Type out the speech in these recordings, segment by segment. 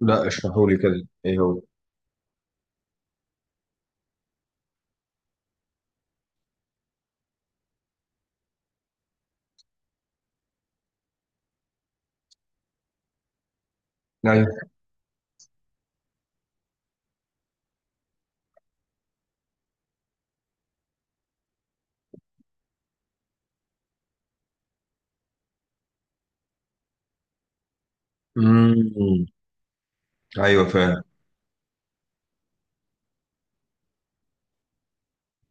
لا، اشرحوا لي كده ايه هو. ايوه. امم. ايوه فعلا.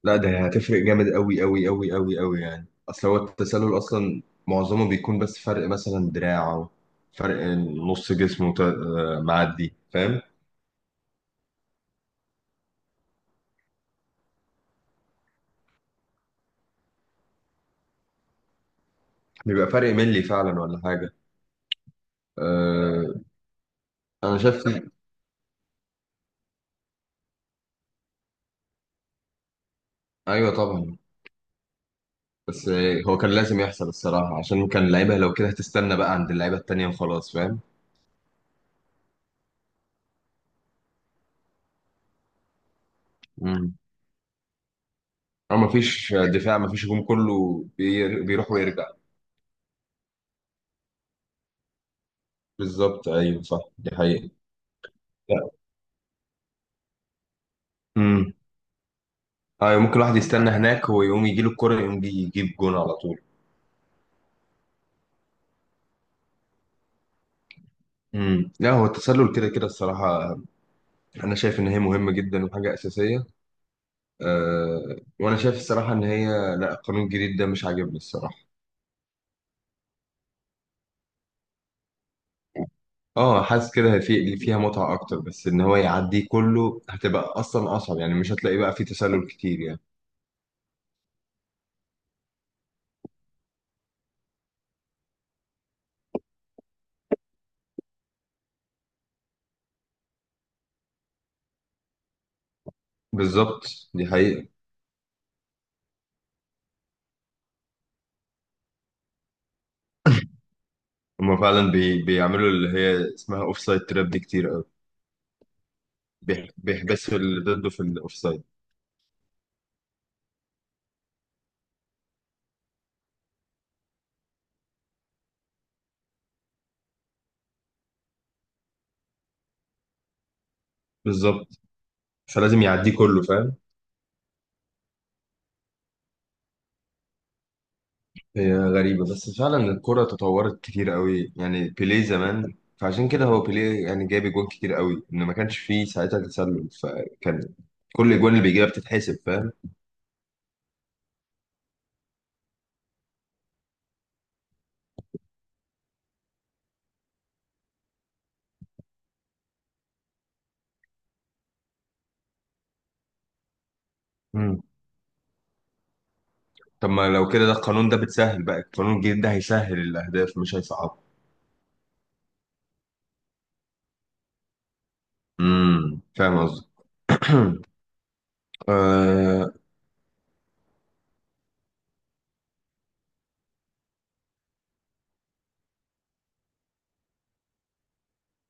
لا ده هتفرق جامد قوي قوي قوي قوي قوي، يعني اصل هو التسلل اصلا معظمه بيكون بس فرق مثلا دراع او فرق نص جسمه آه، معدي فاهم. بيبقى فرق ملي فعلا ولا حاجه؟ آه، انا شايف. ايوه طبعا. بس هو كان لازم يحصل الصراحه، عشان كان اللعيبه لو كده هتستنى بقى عند اللعيبه التانيه وخلاص، فاهم. امم. او مفيش دفاع مفيش هجوم، كله بيروح ويرجع. بالظبط ايوه صح، دي حقيقة. لا. امم. ايوه ممكن الواحد يستنى هناك ويقوم يجي له الكرة يقوم يجيب جون على طول. امم، لا هو التسلل كده كده الصراحة. انا شايف ان هي مهمة جدا وحاجة اساسية. أه، وانا شايف الصراحة ان هي، لا القانون الجديد ده مش عاجبني الصراحة. اه، حاسس كده في اللي فيها متعة اكتر، بس ان هو يعديه كله هتبقى اصلا اصعب، يعني مش هتلاقي بقى فيه تسلل كتير يعني. بالظبط، دي حقيقة. هما فعلا بيعملوا اللي هي اسمها اوف سايد تراب دي كتير. بيحبسوا اللي ضده في الاوفسايد. بالظبط، فلازم يعديه كله، فاهم. هي غريبة، بس فعلا الكرة تطورت كتير قوي، يعني بيليه زمان فعشان كده هو بيليه يعني جاب اجوان كتير قوي ان ما كانش فيه ساعتها تسلل، فكان كل الاجوان اللي بيجيبها بتتحسب، فاهم. مم. طب ما لو كده ده القانون ده بتسهل، بقى القانون الجديد ده هيسهل الاهداف مش هيصعبها. امم، فاهم قصدي. آه...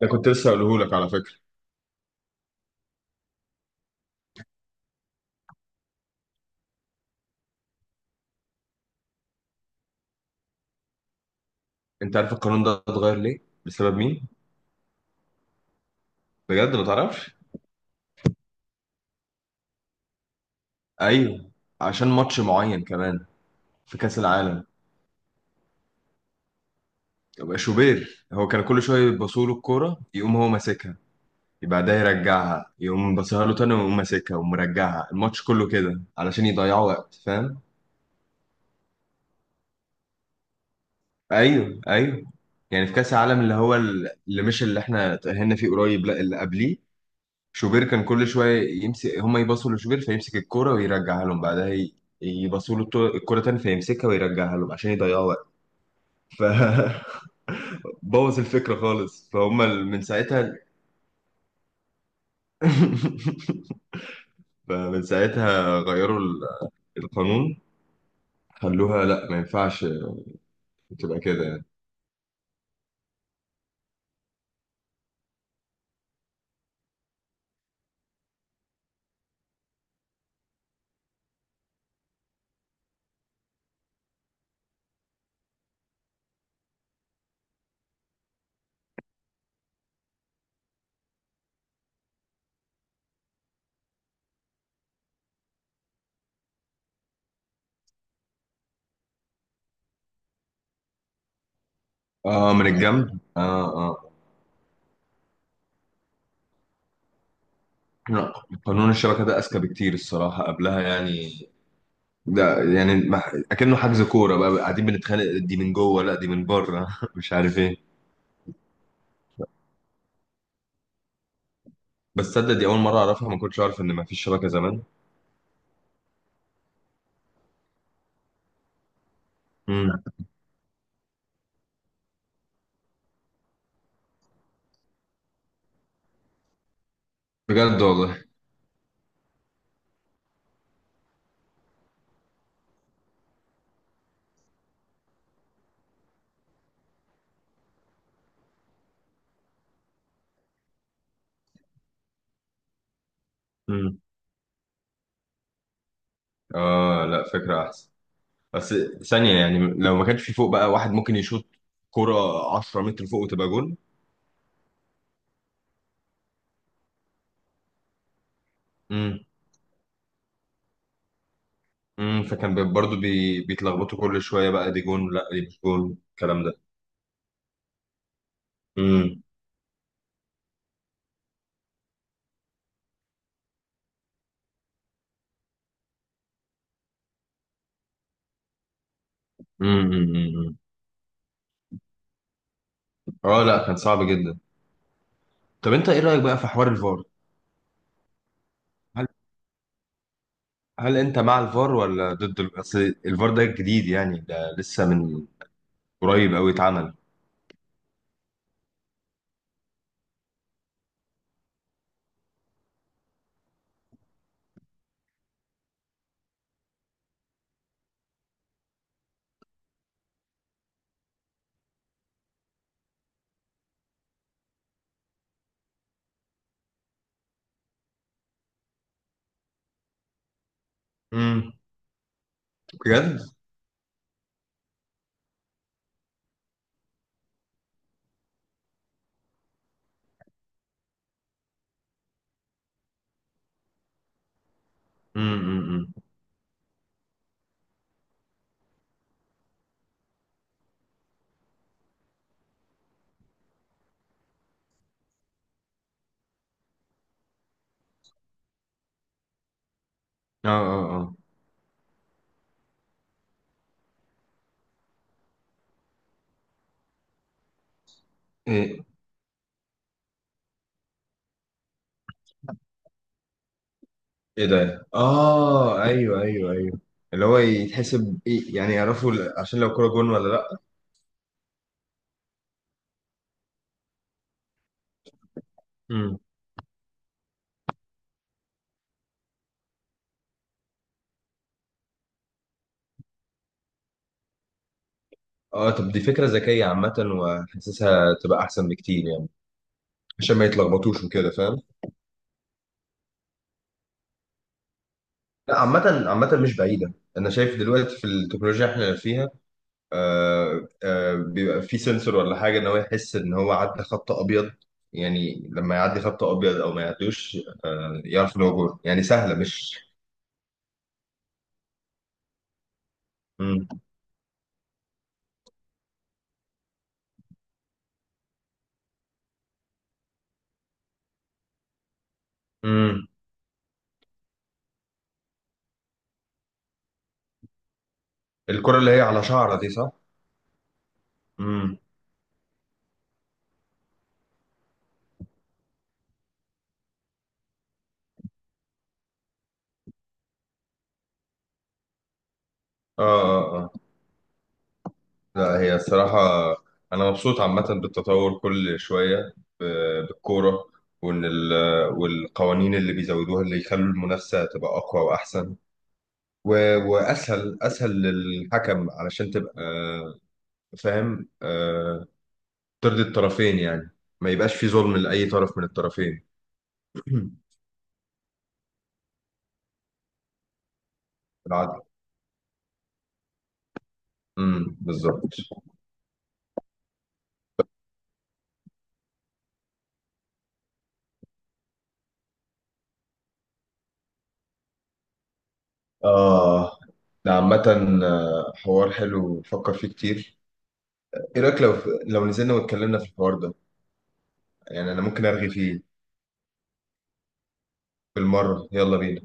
ده كنت لسه هقوله لك على فكرة. انت عارف القانون ده اتغير ليه؟ بسبب مين؟ بجد ما تعرفش؟ ايوه، عشان ماتش معين كمان في كاس العالم. يبقى شوبير هو كان كل شويه يبصوا له الكوره يقوم هو ماسكها، يبقى ده يرجعها يقوم بصها له تاني ويقوم ماسكها ومرجعها الماتش كله كده علشان يضيعوا وقت، فاهم. ايوه ايوه. يعني في كاس العالم اللي هو اللي مش اللي احنا اتأهلنا فيه قريب، لا اللي قبليه. شوبير كان كل شويه يمسك، هما يبصوا لشوبير فيمسك الكوره ويرجعها لهم بعدها يبصوا له الكوره تاني فيمسكها ويرجعها لهم عشان يضيعوا وقت. ف بوظ الفكرة خالص، فهم من ساعتها. فمن ساعتها غيروا القانون. خلوها، لا ما ينفعش تبقى كده يعني. اه من الجنب، اه اه. لا قانون الشبكة ده أذكى بكتير الصراحة قبلها يعني. ده يعني أكنه حجز كورة، بقى قاعدين بنتخانق دي من جوه لا دي من بره مش عارف ايه. بس تصدق دي أول مرة أعرفها، ما كنتش أعرف إن ما فيش شبكة زمان. مم. بجد والله. مم. اه لا فكرة أحسن، بس ثانية يعني لو ما كانش في فوق بقى واحد ممكن يشوط كرة 10 متر فوق وتبقى جون. امم امم، فكان برضو بيتلخبطوا كل شوية، بقى دي جون لا دي مش جون الكلام ده. امم، امم، أمم، أمم. اه لا كان صعب جدا. طب انت ايه رأيك بقى في حوار الفار؟ هل، هل انت مع الفار ولا ضد اصل الفار ده جديد يعني، ده لسه من قريب قوي اتعمل. امم. بجد. امم، امم، أمم. اه اه اه. ايه ده؟ اه ايوه ايوه ايوه، اللي هو يتحسب ايه يعني، يعرفوا عشان لو كرة جون ولا لا. امم. اه طب دي فكرة ذكية عامة، وحاسسها تبقى احسن بكتير يعني، عشان ما يتلخبطوش وكده، فاهم؟ لا عامة عامة مش بعيدة، انا شايف دلوقتي في التكنولوجيا احنا فيها. آه آه، بيبقى في سنسور ولا حاجة ان هو يحس ان هو عدى خط ابيض، يعني لما يعدي خط ابيض او ما يعدوش آه يعرف ان هو جون، يعني سهلة مش. امم، امم. الكرة اللي هي على شعرة دي صح؟ اه اه اه. لا هي الصراحة، أنا مبسوط عامة بالتطور كل شوية ب- بالكورة، وإن والقوانين اللي بيزودوها اللي يخلوا المنافسة تبقى أقوى وأحسن، وأسهل أسهل للحكم علشان تبقى آه، فاهم، آه، ترضي الطرفين يعني، ما يبقاش في ظلم لأي طرف من الطرفين. العدل. بالظبط. آه ده عامة آه، حوار حلو بفكر فيه كتير. إيه رأيك لو، لو نزلنا واتكلمنا في الحوار ده، يعني انا ممكن ارغي فيه. بالمره، يلا بينا.